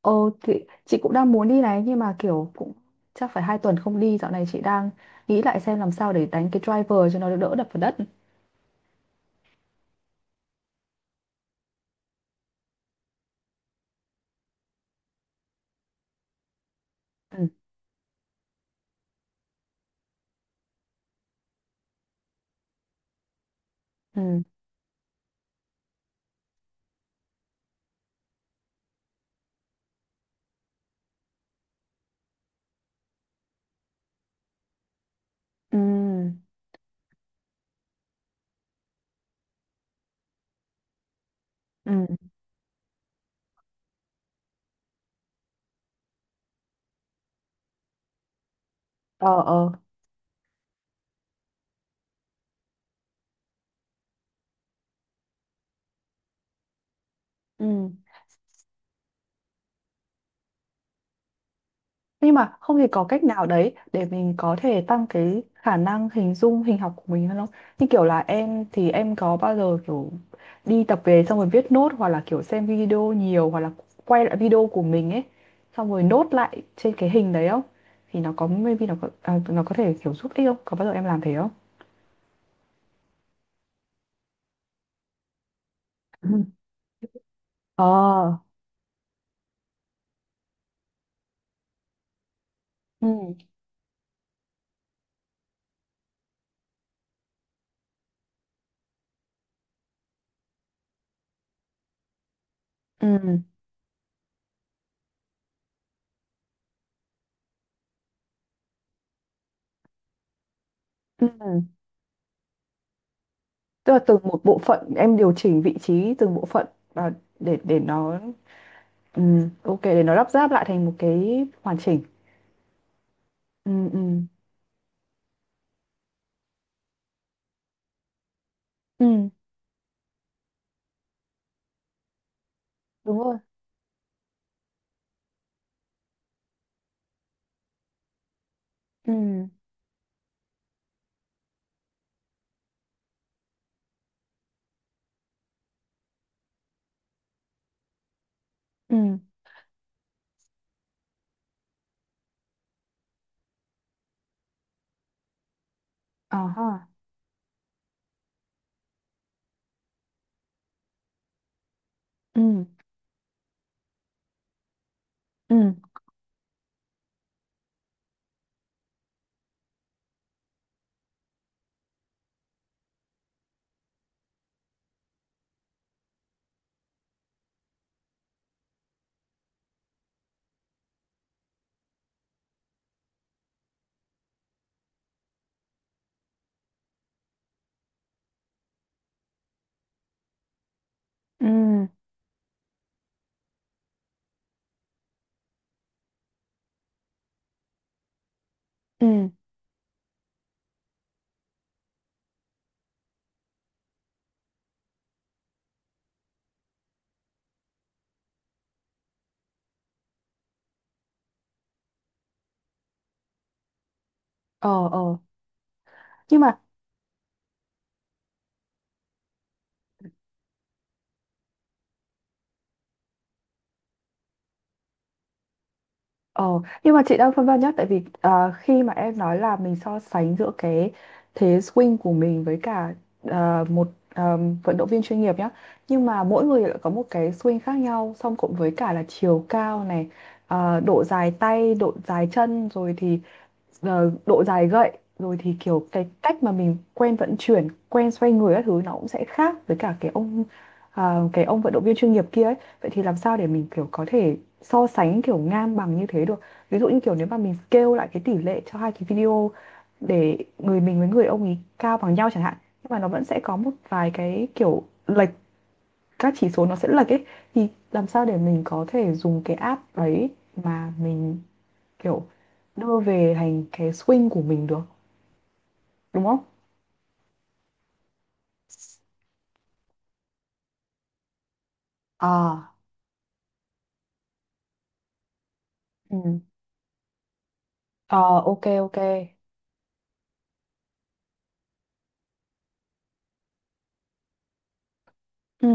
Ồ, thì chị cũng đang muốn đi này, nhưng mà kiểu cũng chắc phải 2 tuần không đi. Dạo này chị đang nghĩ lại xem làm sao để đánh cái driver cho nó đỡ đập vào đất. Ừ. Ừ. Ừ. Ừ. Ờ, ờ. Ừ. Nhưng mà không thì có cách nào đấy để mình có thể tăng cái khả năng hình dung hình học của mình hơn không? Như kiểu là em, thì em có bao giờ kiểu đi tập về xong rồi viết nốt, hoặc là kiểu xem video nhiều, hoặc là quay lại video của mình ấy, xong rồi nốt lại trên cái hình đấy không? Thì nó có maybe nó có, à, nó có thể kiểu giúp ích không? Có bao giờ em làm thế không? Ừ. Ờ. Ừ. Ừ. Ừ. Tức là từng một bộ phận, em điều chỉnh vị trí từng bộ phận và để nó, ừ, ok, để nó lắp ráp lại thành một cái hoàn chỉnh. Ừ, ừ, ừ, đúng rồi. Ừ, ừ, ờ ha. Ừ, ừ, ừ, ừ. Ờ, ờ. Nhưng mà, ờ, nhưng mà chị đang phân vân nhá, tại vì khi mà em nói là mình so sánh giữa cái thế swing của mình với cả, một, ờ, vận động viên chuyên nghiệp nhá, nhưng mà mỗi người lại có một cái swing khác nhau, song cộng với cả là chiều cao này, độ dài tay, độ dài chân, rồi thì giờ độ dài gậy, rồi thì kiểu cái cách mà mình quen vận chuyển, quen xoay người các thứ, nó cũng sẽ khác với cả cái ông vận động viên chuyên nghiệp kia ấy. Vậy thì làm sao để mình kiểu có thể so sánh kiểu ngang bằng như thế được? Ví dụ như kiểu nếu mà mình scale lại cái tỷ lệ cho hai cái video để người mình với người ông ấy cao bằng nhau chẳng hạn, nhưng mà nó vẫn sẽ có một vài cái kiểu lệch, các chỉ số nó sẽ lệch ấy, thì làm sao để mình có thể dùng cái app đấy mà mình kiểu đưa về thành cái swing của mình được, đúng không? À. Ừ. Ờ, ok ok. Ừ.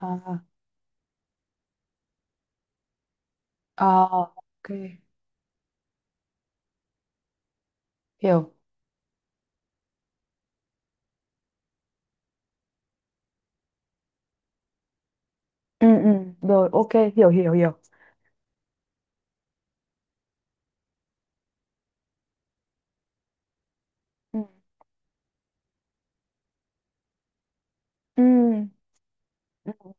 Ờ, ờ, ok, hiểu. Ừ, ừ, rồi ok, hiểu hiểu hiểu. Ừ, ừ, ừ,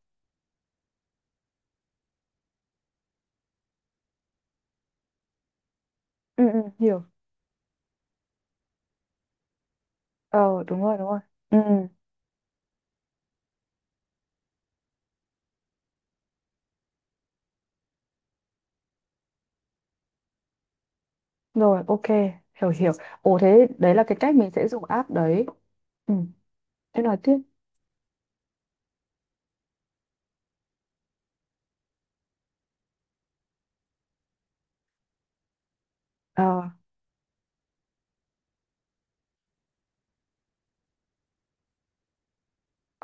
ừ, ừ, hiểu. Ờ, đúng rồi đúng rồi. Ừ, rồi ok, hiểu hiểu. Ồ, thế đấy là cái cách mình sẽ dùng app đấy. Ừ, thế nói tiếp. Ờ,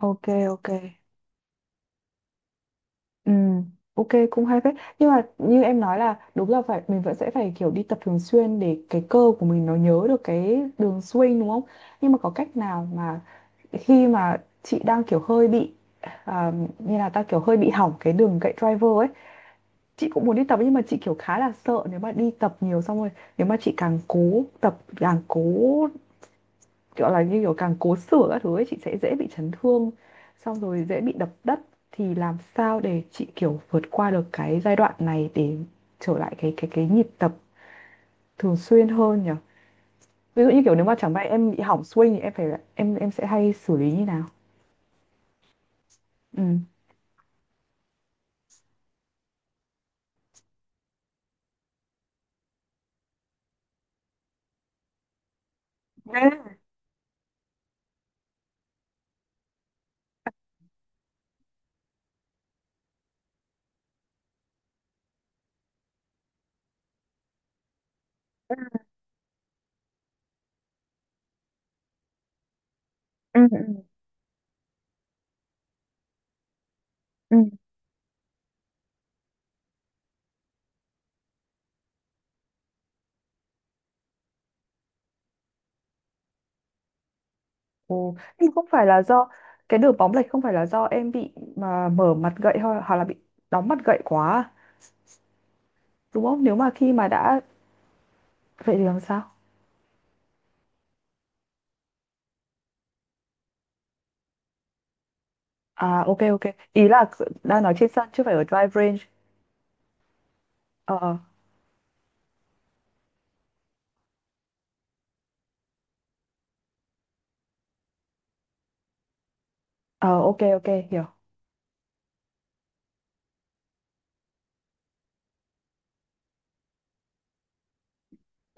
ok ok. Ừ, ok, cũng hay phết, nhưng mà như em nói là đúng là phải mình vẫn sẽ phải kiểu đi tập thường xuyên để cái cơ của mình nó nhớ được cái đường swing, đúng không? Nhưng mà có cách nào mà khi mà chị đang kiểu hơi bị, à, như là ta kiểu hơi bị hỏng cái đường gậy driver ấy, chị cũng muốn đi tập, nhưng mà chị kiểu khá là sợ nếu mà đi tập nhiều xong rồi, nếu mà chị càng cố tập, càng cố kiểu là, như kiểu càng cố sửa các thứ ấy, chị sẽ dễ bị chấn thương, xong rồi dễ bị đập đất. Thì làm sao để chị kiểu vượt qua được cái giai đoạn này để trở lại cái nhịp tập thường xuyên hơn nhỉ? Ví dụ như kiểu nếu mà chẳng may em bị hỏng swing thì em phải, em sẽ hay xử lý như nào? Ừ. Đấy, ừ, ừ. Ồ, nhưng không phải là do cái đường bóng lệch, không phải là do em bị mà mở mặt gậy hoặc là bị đóng mặt gậy quá à? Đúng không, nếu mà khi mà đã, vậy thì làm sao? À, ok ok. Ý là đang nói trên sân chứ phải ở drive range. Ờ, ờ. Ờ, ok ok, hiểu.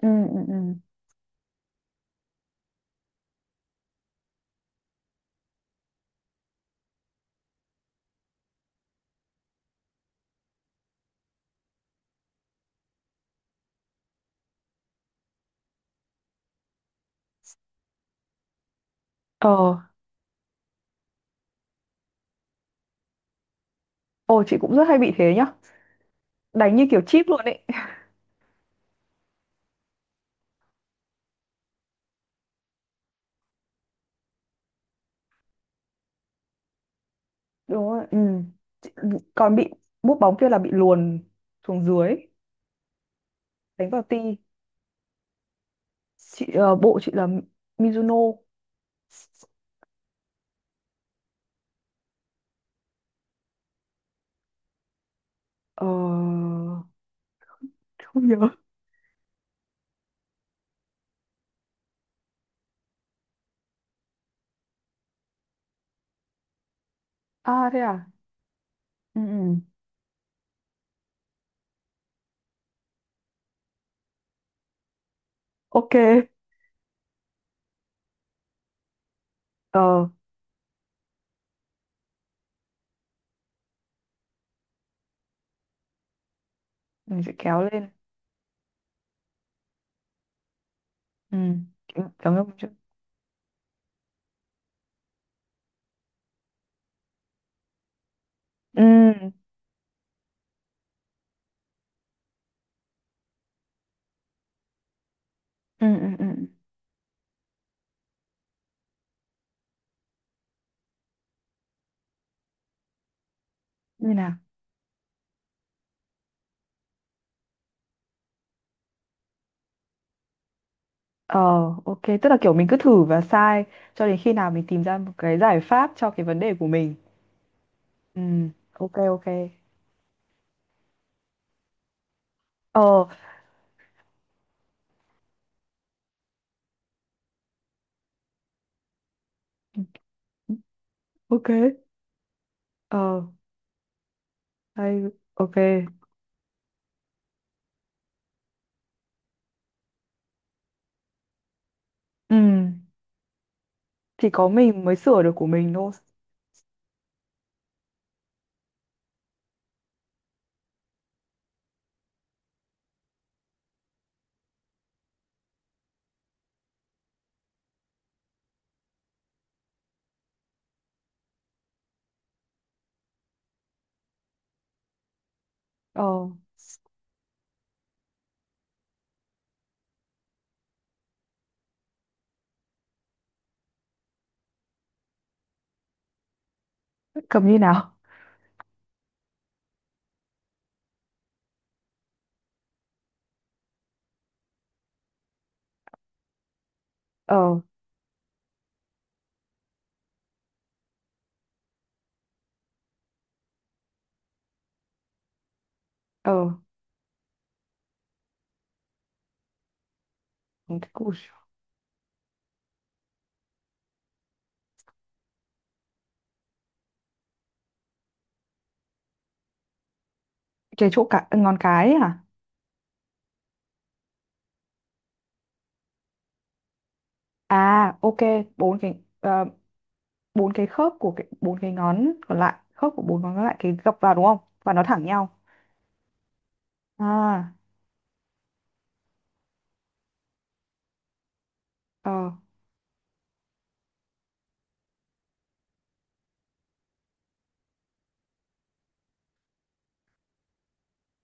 Ừ. Ừ. Ừ. Ờ, ồ, chị cũng rất hay bị thế nhá. Đánh như kiểu chip luôn ấy. Đúng rồi, ừ. Chị. Còn bị búp bóng kia là bị luồn xuống dưới, đánh vào ti. Chị, bộ chị là Mizuno. Ờ, không nhớ. À, thế à. Ừ, ừ. Ok. Ờ, mình sẽ kéo lên. Ừ. Kéo ngâm chứ. Ừ. Ừ, ừ, ừ. Như nào? Ờ, ok, tức là kiểu mình cứ thử và sai cho đến khi nào mình tìm ra một cái giải pháp cho cái vấn đề của mình. Ừ, ok ok. Ờ, ok. Ờ, hay, ok. Ừ, thì có mình mới sửa được của mình thôi. Ờ, cầm như nào? Ờ, ờ. Ui, cái chỗ cả ngón cái ấy hả? À, ok, bốn cái, bốn cái khớp của cái bốn cái ngón còn lại, khớp của bốn ngón còn lại cái gập vào, đúng không? Và nó thẳng nhau. À, ờ.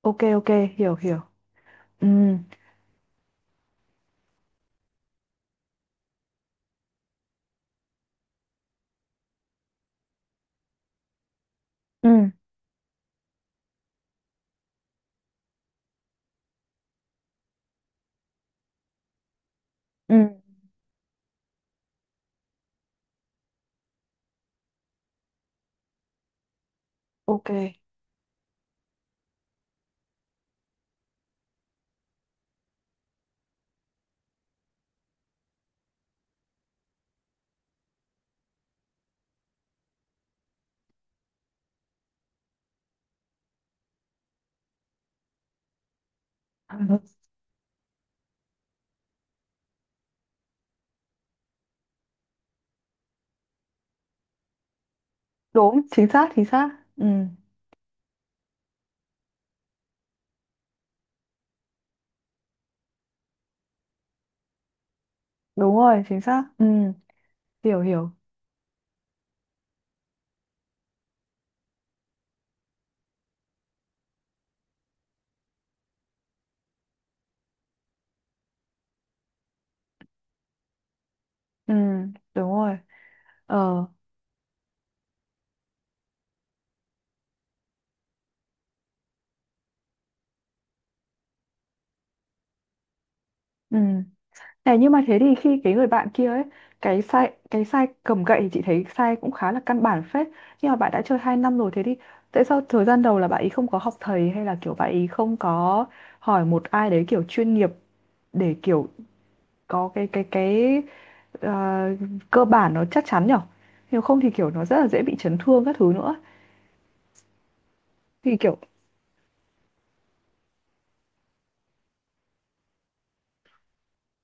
Ok ok, hiểu hiểu. Ừ, ừ, ừ, ok. Đúng, chính xác chính xác. Ừ, đúng rồi, chính xác, ừ. Hiểu hiểu, ừ, đúng rồi, ờ, ừ. Này, nhưng mà thế thì khi cái người bạn kia ấy, cái sai cầm gậy, thì chị thấy sai cũng khá là căn bản phết, nhưng mà bạn đã chơi 2 năm rồi, thế thì tại sao thời gian đầu là bạn ấy không có học thầy, hay là kiểu bạn ấy không có hỏi một ai đấy kiểu chuyên nghiệp để kiểu có cái ờ, cơ bản nó chắc chắn nhở? Nếu không thì kiểu nó rất là dễ bị chấn thương các thứ nữa. Thì kiểu,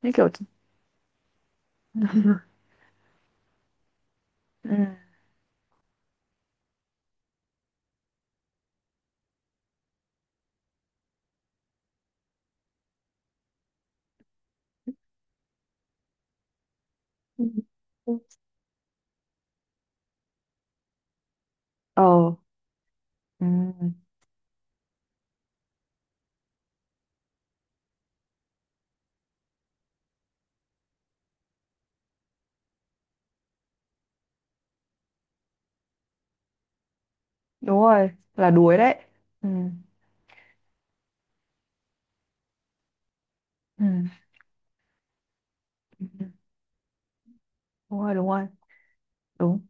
như kiểu, ừ. Ừ. Ừ. Ờ, ừ. Đúng rồi, là đuối đấy, ừ. Ừ. Ừ, đúng rồi đúng rồi, đúng.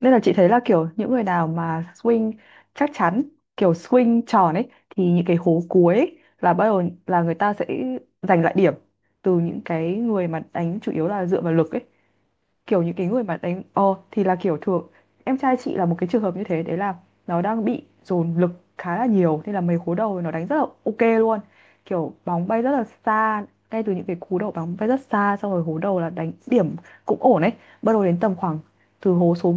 Nên là chị thấy là kiểu những người nào mà swing chắc chắn, kiểu swing tròn ấy, thì những cái hố cuối ấy, là bắt đầu là người ta sẽ giành lại điểm từ những cái người mà đánh chủ yếu là dựa vào lực ấy, kiểu những cái người mà đánh, thì là kiểu thường, em trai chị là một cái trường hợp như thế đấy, là nó đang bị dồn lực khá là nhiều, nên là mấy cú đầu nó đánh rất là ok luôn, kiểu bóng bay rất là xa, ngay từ những cái cú đầu bóng bay rất xa, xong rồi hố đầu là đánh điểm cũng ổn ấy. Bắt đầu đến tầm khoảng từ hố số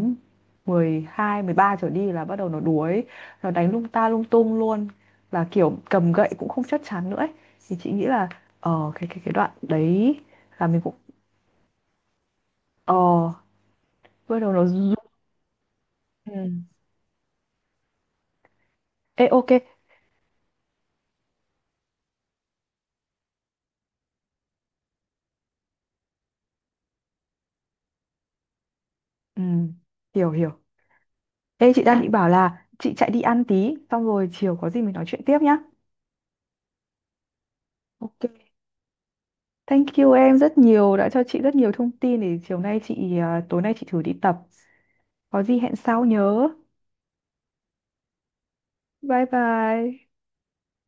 12, 13 trở đi là bắt đầu nó đuối, nó đánh lung ta lung tung luôn, là kiểu cầm gậy cũng không chắc chắn nữa ấy. Thì chị nghĩ là, cái đoạn đấy là mình cũng, ờ, bắt đầu nó. Ừ. Ê, ok, ừ. Hiểu hiểu. Ê, chị đang định bảo là chị chạy đi ăn tí, xong rồi chiều có gì mình nói chuyện tiếp nhá. Ok. Thank you em rất nhiều, đã cho chị rất nhiều thông tin. Để chiều nay chị, à, tối nay chị thử đi tập. Có gì hẹn sau nhớ. Bye bye.